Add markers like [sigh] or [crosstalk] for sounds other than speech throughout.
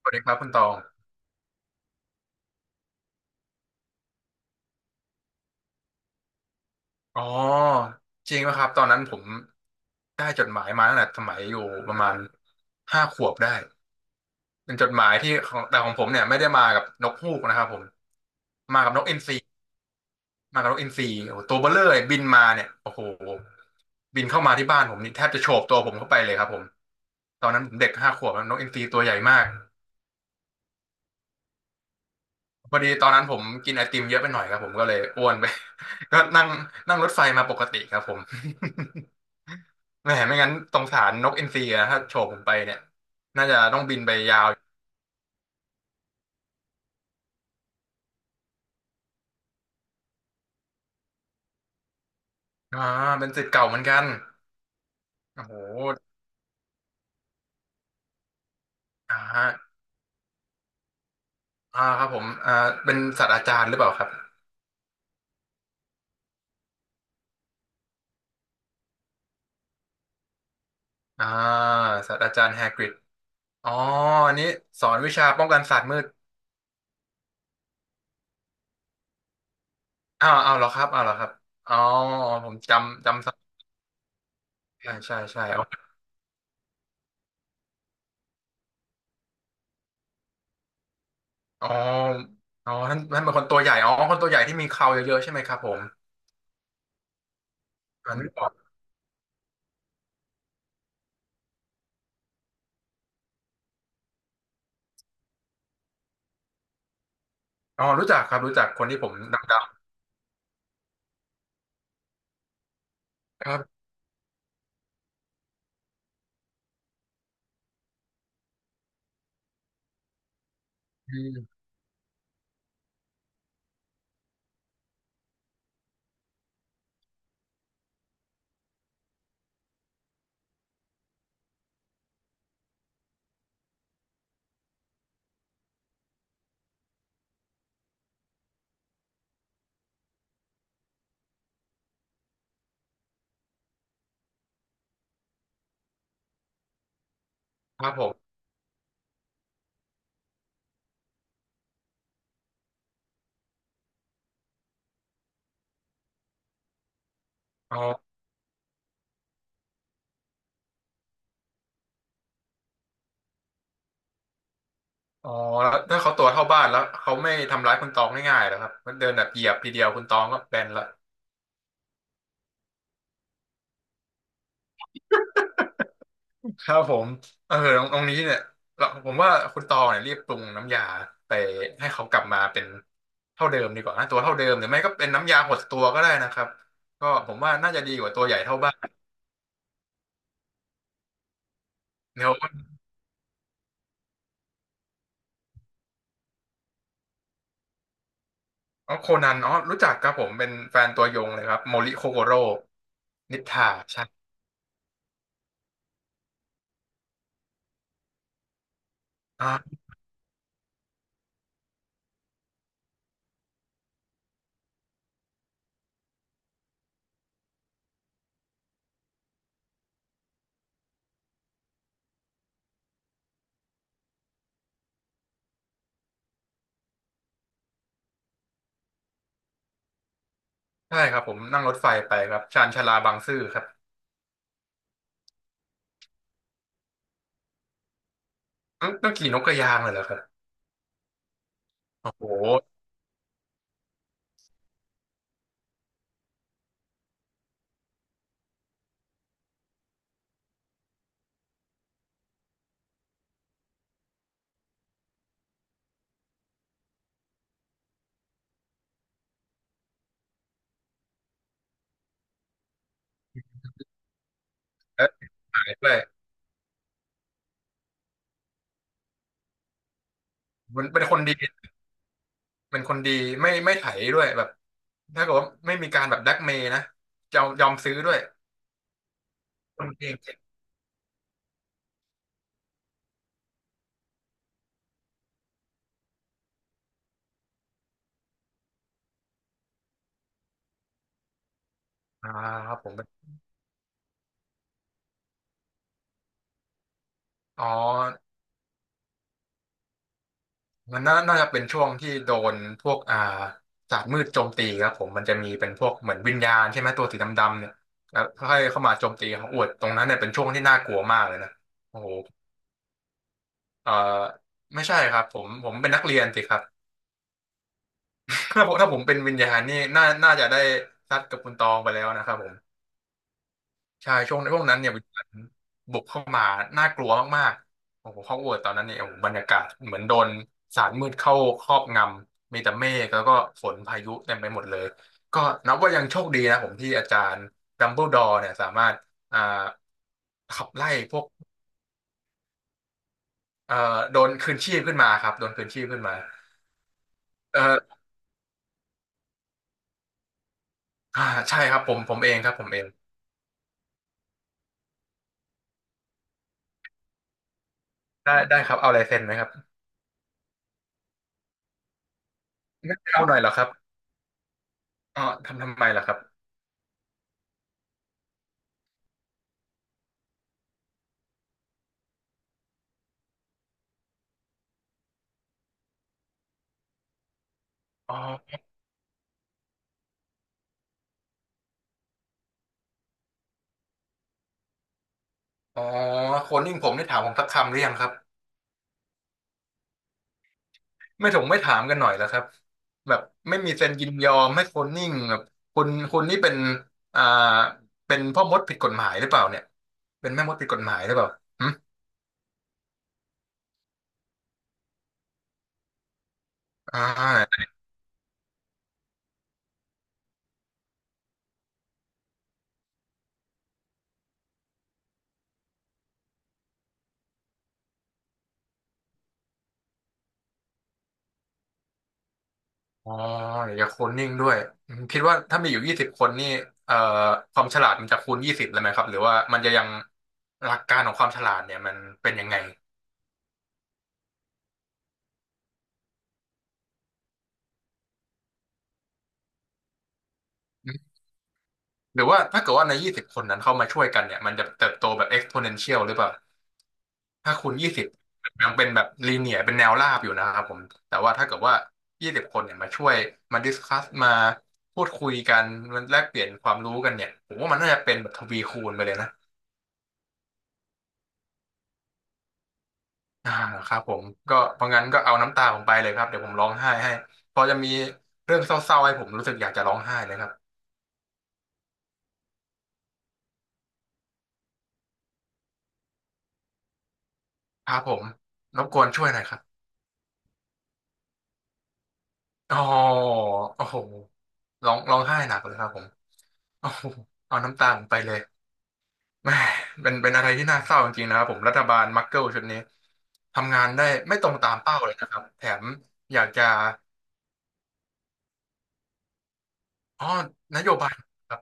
สวัสดีครับคุณตองอ๋อจริงไหมครับตอนนั้นผมได้จดหมายมาตั้งแต่สมัยอยู่ประมาณห้าขวบได้เป็นจดหมายที่ของแต่ของผมเนี่ยไม่ได้มากับนกฮูกนะครับผมมากับนกอินทรีมากับนกอินทรีโอ้โหตัวเบ้อเร่อเลยบินมาเนี่ยโอ้โหบินเข้ามาที่บ้านผมนี่แทบจะโฉบตัวผมเข้าไปเลยครับผมตอนนั้นผมเด็กห้าขวบนะนกอินทรีตัวใหญ่มากพอดีตอนนั้นผมกินไอติมเยอะไปหน่อยครับผมก็เลยอ้วนไป [laughs] ก็นั่งนั่งรถไฟมาปกติครับผม แหมไม่งั้นสงสารนกอินทรีอะถ้าโฉบผมไปเนี่ยน่าจะต้องบินไปยาวอ่าเป็นศิษย์เก่าเหมือนกันโอ้โหอ่าครับผมเป็นศาสตราจารย์หรือเปล่าครับอ่าศาสตราจารย์แฮกริดอ๋ออันนี้สอนวิชาป้องกันศาสตร์มืดอ้าวเอาวเหรอครับเอาวเหรอครับอ๋อผมจำสับใช่ใช่ใช่อ๋ออ๋ออ๋อท่านเป็นคนตัวใหญ่อ๋อคนตัวใหญ่ที่มีเคราเยอะๆใช่ไหมครับผมอันนี้บอกอ๋อรู้จักครับรู้จักคนที่ผมดำๆครับอืมครับผมอ๋อ อ๋อแล้วถ้าเขาตัวเท่าบ้านแล้วเขาไม่ทำร้ายคุณตองง่ายๆหรอครับมันเดินแบบเหยียบทีเดียวคุณตองก็แบนละครับผมเออตรงนี้เนี่ยเราผมว่าคุณตองเนี่ยรีบปรุงน้ำยาไปให้เขากลับมาเป็นเท่าเดิมดีกว่านะตัวเท่าเดิมหรือไม่ก็เป็นน้ำยาหดตัวก็ได้นะครับก็ผมว่าน่าจะดีกว่าตัวใหญ่เท่าบ้านเดี๋ยวอ๋อโคนันอ๋อรู้จักครับผมเป็นแฟนตัวยงเลยครับโมริโคโกโร่นิทาใช่อ่าใช่ครับผมนั่งรถไฟไปครับชานชาลาบางซื่อครับต้องขี่นกกระยางเลยเหรอครับ โอ้โหแล้วถ่ายด้วยมันเป็นคนดีเป็นคนดีไม่ไม่ไถด้วยแบบถ้าเกิดว่าไม่มีการแบบแบล็กเมย์นะจะยอมซื้อด้วยคนเก่งๆครับผมเป็นอ๋อมันน่าจะเป็นช่วงที่โดนพวกศาสตร์มืดโจมตีครับผมมันจะมีเป็นพวกเหมือนวิญญาณใช่ไหมตัวสีดำๆเนี่ยแล้วค่อยเข้ามาโจมตีเขาอวดตรงนั้นเนี่ยเป็นช่วงที่น่ากลัวมากเลยนะโอ้โหเอ่อไม่ใช่ครับผมผมเป็นนักเรียนสิครับ ถ้าผมเป็นวิญญาณนี่น่าจะได้ซัดกับคุณตองไปแล้วนะครับผมใช่ช่วงนั้นเนี่ยวิญญาณบุกเข้ามาน่ากลัวมากๆโอ้โหฮอกวอตส์ตอนนั้นเนี่ยโอ้โหบรรยากาศเหมือนโดนสารมืดเข้าครอบงำมีแต่เมฆแล้วก็ฝนพายุเต็มไปหมดเลยก็นับว่ายังโชคดีนะผมที่อาจารย์ดัมเบิลดอร์เนี่ยสามารถอ่าขับไล่พวกโดนคืนชีพขึ้นมาครับโดนคืนชีพขึ้นมาเอออ่าใช่ครับผมผมเองครับผมเองได้ได้ครับเอาลายเซ็นไหมครับไม่เอาหน่อยเหรอครับ อ๋อทำไมล่ะครับอ๋ออ๋อคนยิ่งผมได้ถามผมสักคำหรือยังครับไม่ถามกันหน่อยแล้วครับ แบบไม่มีเซ็นยินยอมให้คนนิ่งแบบคุณนี่เป็นอ่าเป็นพ่อมดผิดกฎหมายหรือเปล่าเนี่ยเป็นแม่มดผิดกฎหมายหรือเปล่าหึอ่าอ๋อเดี๋ยวจะคนนิ่งด้วยอืมคิดว่าถ้ามีอยู่ยี่สิบคนนี่เอ่อความฉลาดมันจะคูณยี่สิบเลยไหมครับหรือว่ามันจะยังหลักการของความฉลาดเนี่ยมันเป็นยังไง หรือว่าถ้าเกิดว่าในยี่สิบคนนั้นเข้ามาช่วยกันเนี่ยมันจะเติบโตแบบ exponential หรือเปล่าถ้าคูณยี่สิบยังเป็นแบบ linear เป็นแนวราบอยู่นะครับผมแต่ว่าถ้าเกิดว่ายี่สิบคนเนี่ยมาช่วยมาดิสคัสมาพูดคุยกันมันแลกเปลี่ยนความรู้กันเนี่ยผมว่ามันน่าจะเป็นแบบทวีคูณไปเลยนะอ่าครับผมก็เพราะงั้นก็เอาน้ำตาผมไปเลยครับเดี๋ยวผมร้องไห้ให้พอจะมีเรื่องเศร้าๆให้ผมรู้สึกอยากจะร้องไห้เลยครับครับผมรบกวนช่วยหน่อยครับอ๋อโอ้โหร้องไห้หนักเลยครับผม โอ้โหเอาน้ำตาผมไปเลยแหม่เป็นอะไรที่น่าเศร้าจริงๆนะครับผมรัฐบาลมักเกิลชุดนี้ทำงานได้ไม่ตรงตามเป้าเลยนะครับแถมอยากจะอ๋อนโยบายครับ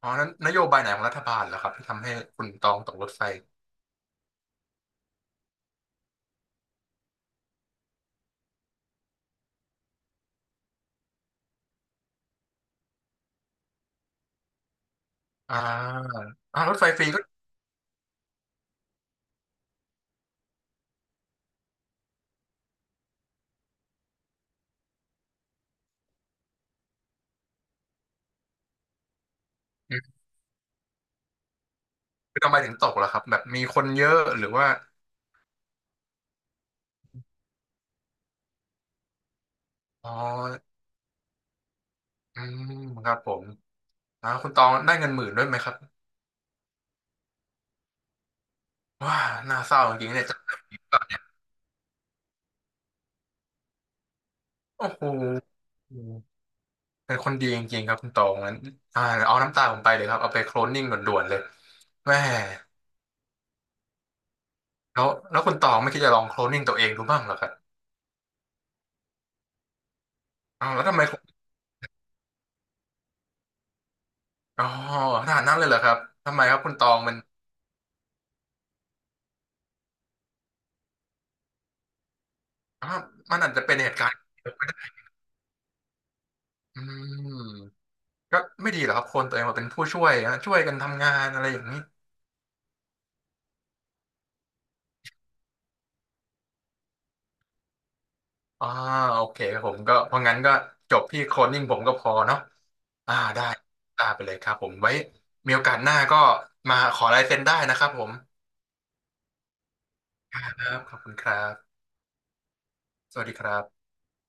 อ๋อนนโยบายไหนของรัฐบาลเหรอครับที่ทำให้คุณตองตกรถไฟอ่าอ่ารถไฟฟรีก็อืมคือทำไมถึงตกล่ะครับแบบมีคนเยอะหรือว่าอ๋ออืมครับผมคุณตองได้เงินหมื่นด้วยไหมครับว้าน่าเศร้าจริงๆเนี่ยจะปิดปากเนี่ยโอ้โห เป็นคนดีจริงๆครับคุณตองนั้นอ่าเอาน้ำตาผมไปเลยครับเอาไปโคลนนิ่งด่วนๆเลยแม่แล้วคุณตองไม่คิดจะลองโคลนนิ่งตัวเองดูบ้างเหรอครับอ้าวแล้วทำไมอ๋อขนาดนั้นเลยเหรอครับทำไมครับคุณตองมันอ้าวมันอาจจะเป็นเหตุการณ์อืมก็ไม่ดีเหรอกครับคนตัวเองมาเป็นผู้ช่วยนะช่วยกันทำงานอะไรอย่างนี้อ่าโอเคครับผมก็เพราะงั้นก็จบที่โคลนนิ่งผมก็พอเนาะได้ได้ไปเลยครับผมไว้มีโอกาสหน้าก็มาขอลายเซ็นได้นะครับผมครับขอบคุณครับ สวัสดีครับ